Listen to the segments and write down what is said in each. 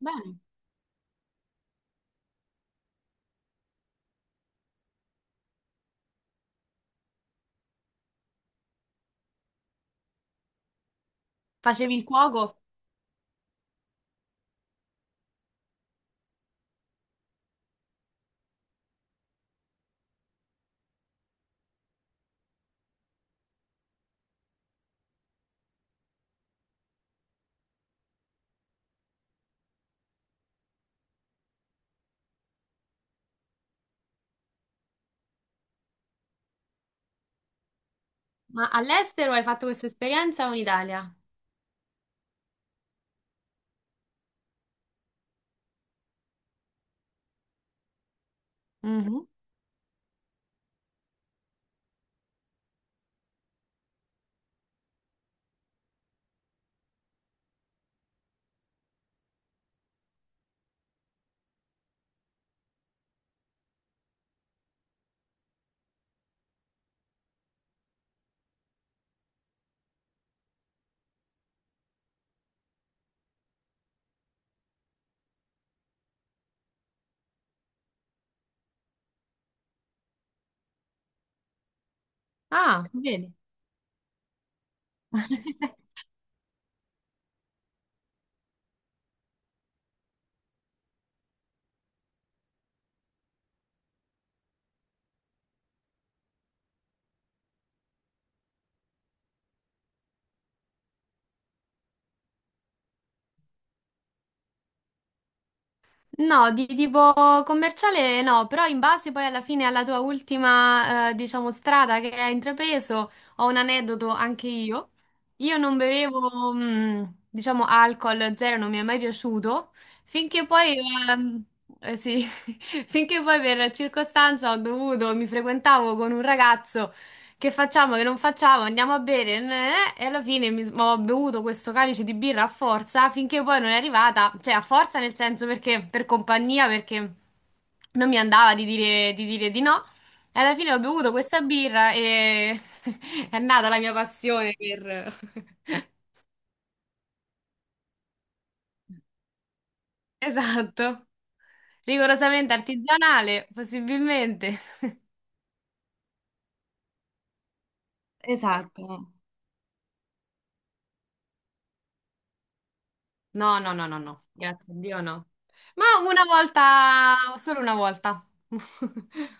Bene. Facevi il cuoco? Ma all'estero hai fatto questa esperienza o in Italia? Mhm. Ah, vedi. No, di tipo commerciale no, però in base poi alla fine alla tua ultima, diciamo, strada che hai intrapreso, ho un aneddoto anche io. Io non bevevo, diciamo, alcol zero, non mi è mai piaciuto, finché poi, sì, finché poi per circostanza ho dovuto, mi frequentavo con un ragazzo. Che facciamo, che non facciamo, andiamo a bere, e alla fine mi, ho bevuto questo calice di birra a forza finché poi non è arrivata, cioè a forza nel senso perché per compagnia, perché non mi andava di dire di no. E alla fine ho bevuto questa birra e è nata la mia passione per... Esatto, rigorosamente artigianale, possibilmente. Esatto. No, no, no, no, no, grazie a Dio no. Ma una volta, solo una volta.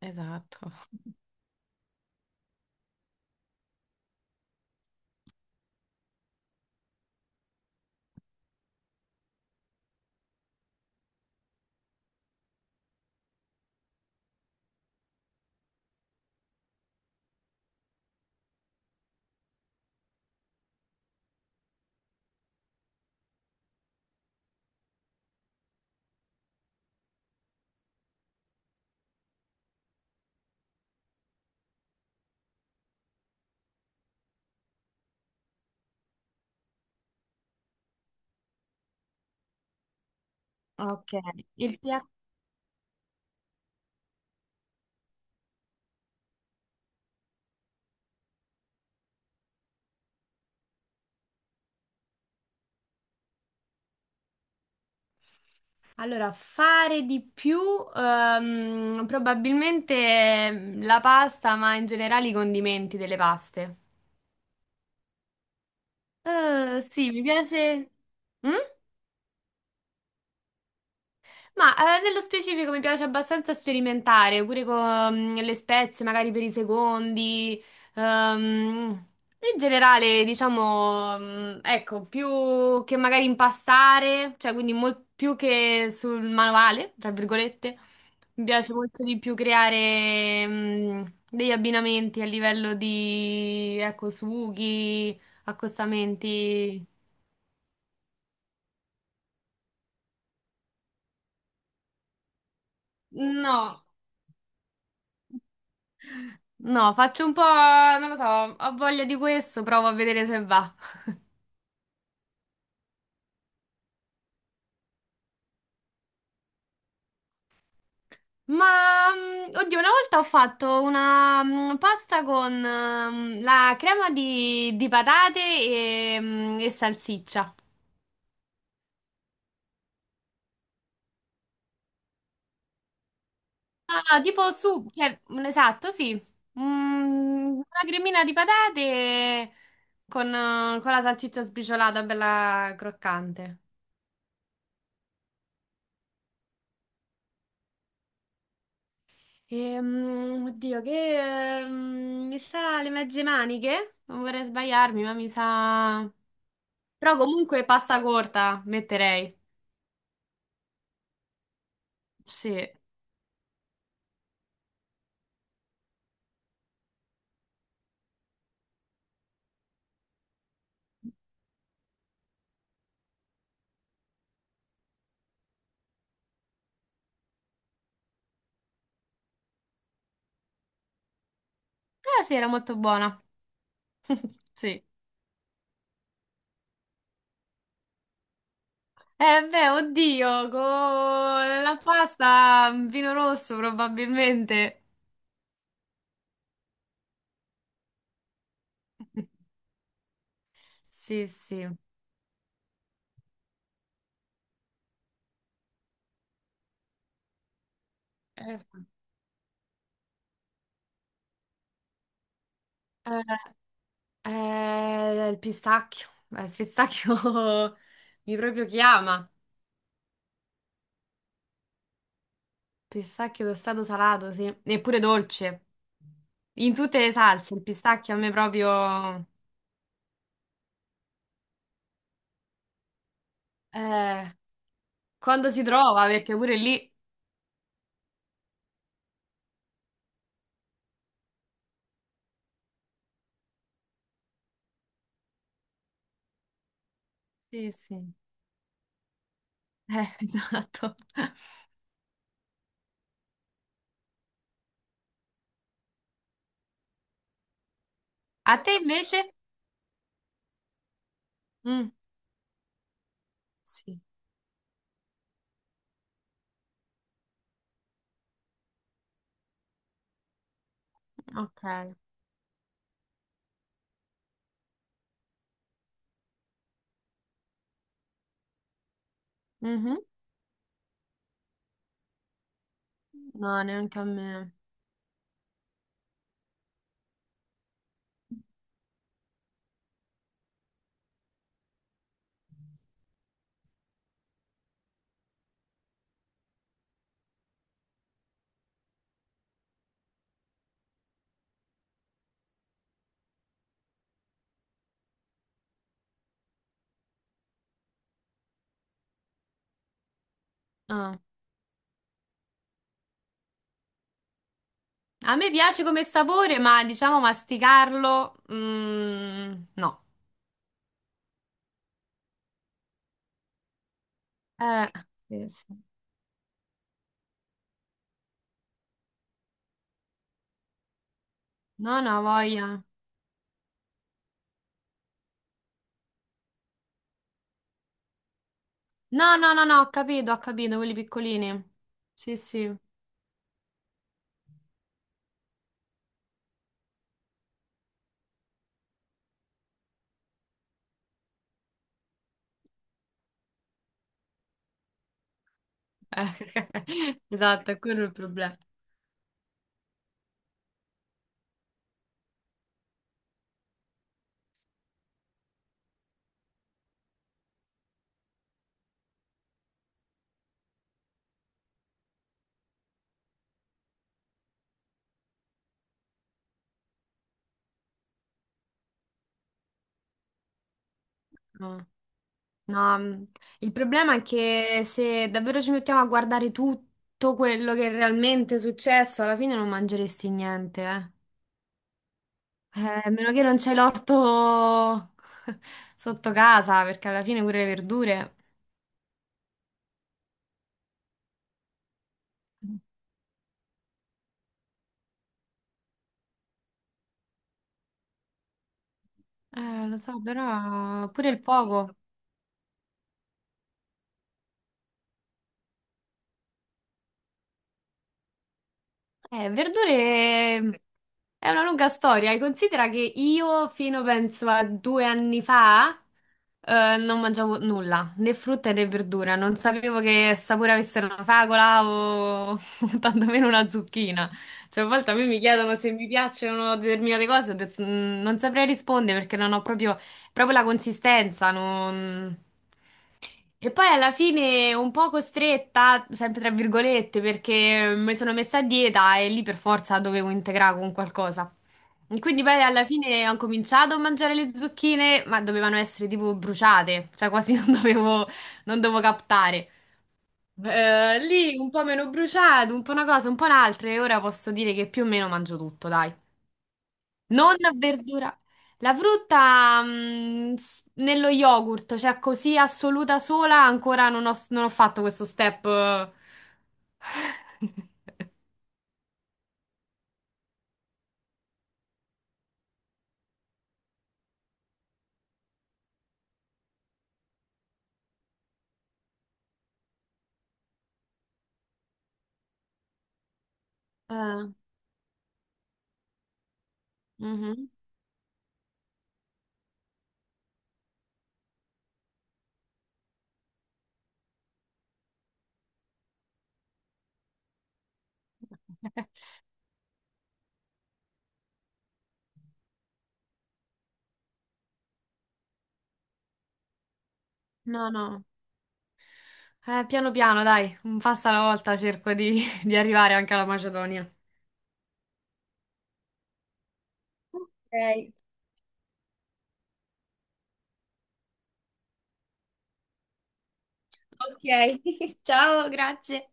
Esatto. Ok. il pia- Allora, fare di più, probabilmente la pasta, ma in generale i condimenti delle paste. Sì, mi piace. Mm? Ma nello specifico mi piace abbastanza sperimentare, pure con le spezie, magari per i secondi. ehm, in generale, diciamo, ecco, più che magari impastare, cioè quindi più che sul manuale, tra virgolette, mi piace molto di più creare degli abbinamenti a livello di, ecco, sughi, accostamenti. No. No, faccio un po', non lo so, ho voglia di questo, provo a vedere se va. Ma, oddio, una volta ho fatto una pasta con la crema di patate e salsiccia. Ah, no, tipo su, cioè, esatto, sì. Una cremina di patate con la salsiccia sbriciolata, bella croccante. Oddio, che mi sa le mezze maniche? Non vorrei sbagliarmi, ma mi sa. Però comunque pasta corta metterei. Sì. Eh sì, era molto buona. Sì. Eh beh, oddio, con la pasta vino rosso probabilmente. Sì, sì. Eh, eh, il pistacchio. Il pistacchio mi proprio chiama. Pistacchio tostato salato, sì. Eppure dolce. In tutte le salse, il pistacchio a me proprio... eh, quando si trova, perché pure lì... Sì, sì. Esatto. A te invece? Mm, sì, ok. Mhm. No, neanche a me. Ah. A me piace come sapore, ma diciamo masticarlo... no. Eh, sì, sì. No, no, voglia. No, no, no, no, ho capito, quelli piccolini. Sì, sì. Esatto, è quello il problema. No, no, il problema è che se davvero ci mettiamo a guardare tutto quello che è realmente successo, alla fine non mangeresti niente, eh. A meno che non c'è l'orto sotto casa, perché alla fine pure le verdure. Lo so, però pure il poco. Verdure è una lunga storia. Considera che io fino penso a 2 anni fa non mangiavo nulla, né frutta né verdura. Non sapevo che sapore avesse una fragola o tantomeno una zucchina. Cioè, a volte a me mi chiedono se mi piacciono determinate cose, ho detto, "Mm, non saprei rispondere perché non ho proprio, proprio la consistenza. E poi alla fine un po' costretta, sempre tra virgolette, perché mi sono messa a dieta e lì per forza dovevo integrare con qualcosa. E quindi poi alla fine ho cominciato a mangiare le zucchine, ma dovevano essere tipo bruciate, cioè quasi non dovevo captare. Lì un po' meno bruciato, un po' una cosa, un po' un'altra, e ora posso dire che più o meno mangio tutto, dai. Non verdura. La frutta, nello yogurt, cioè così assoluta sola, ancora non ho fatto questo step. Eh, mhm. No, no. Piano piano, dai, un passo alla volta cerco di arrivare anche alla Macedonia. Ok, ok. Ciao, grazie.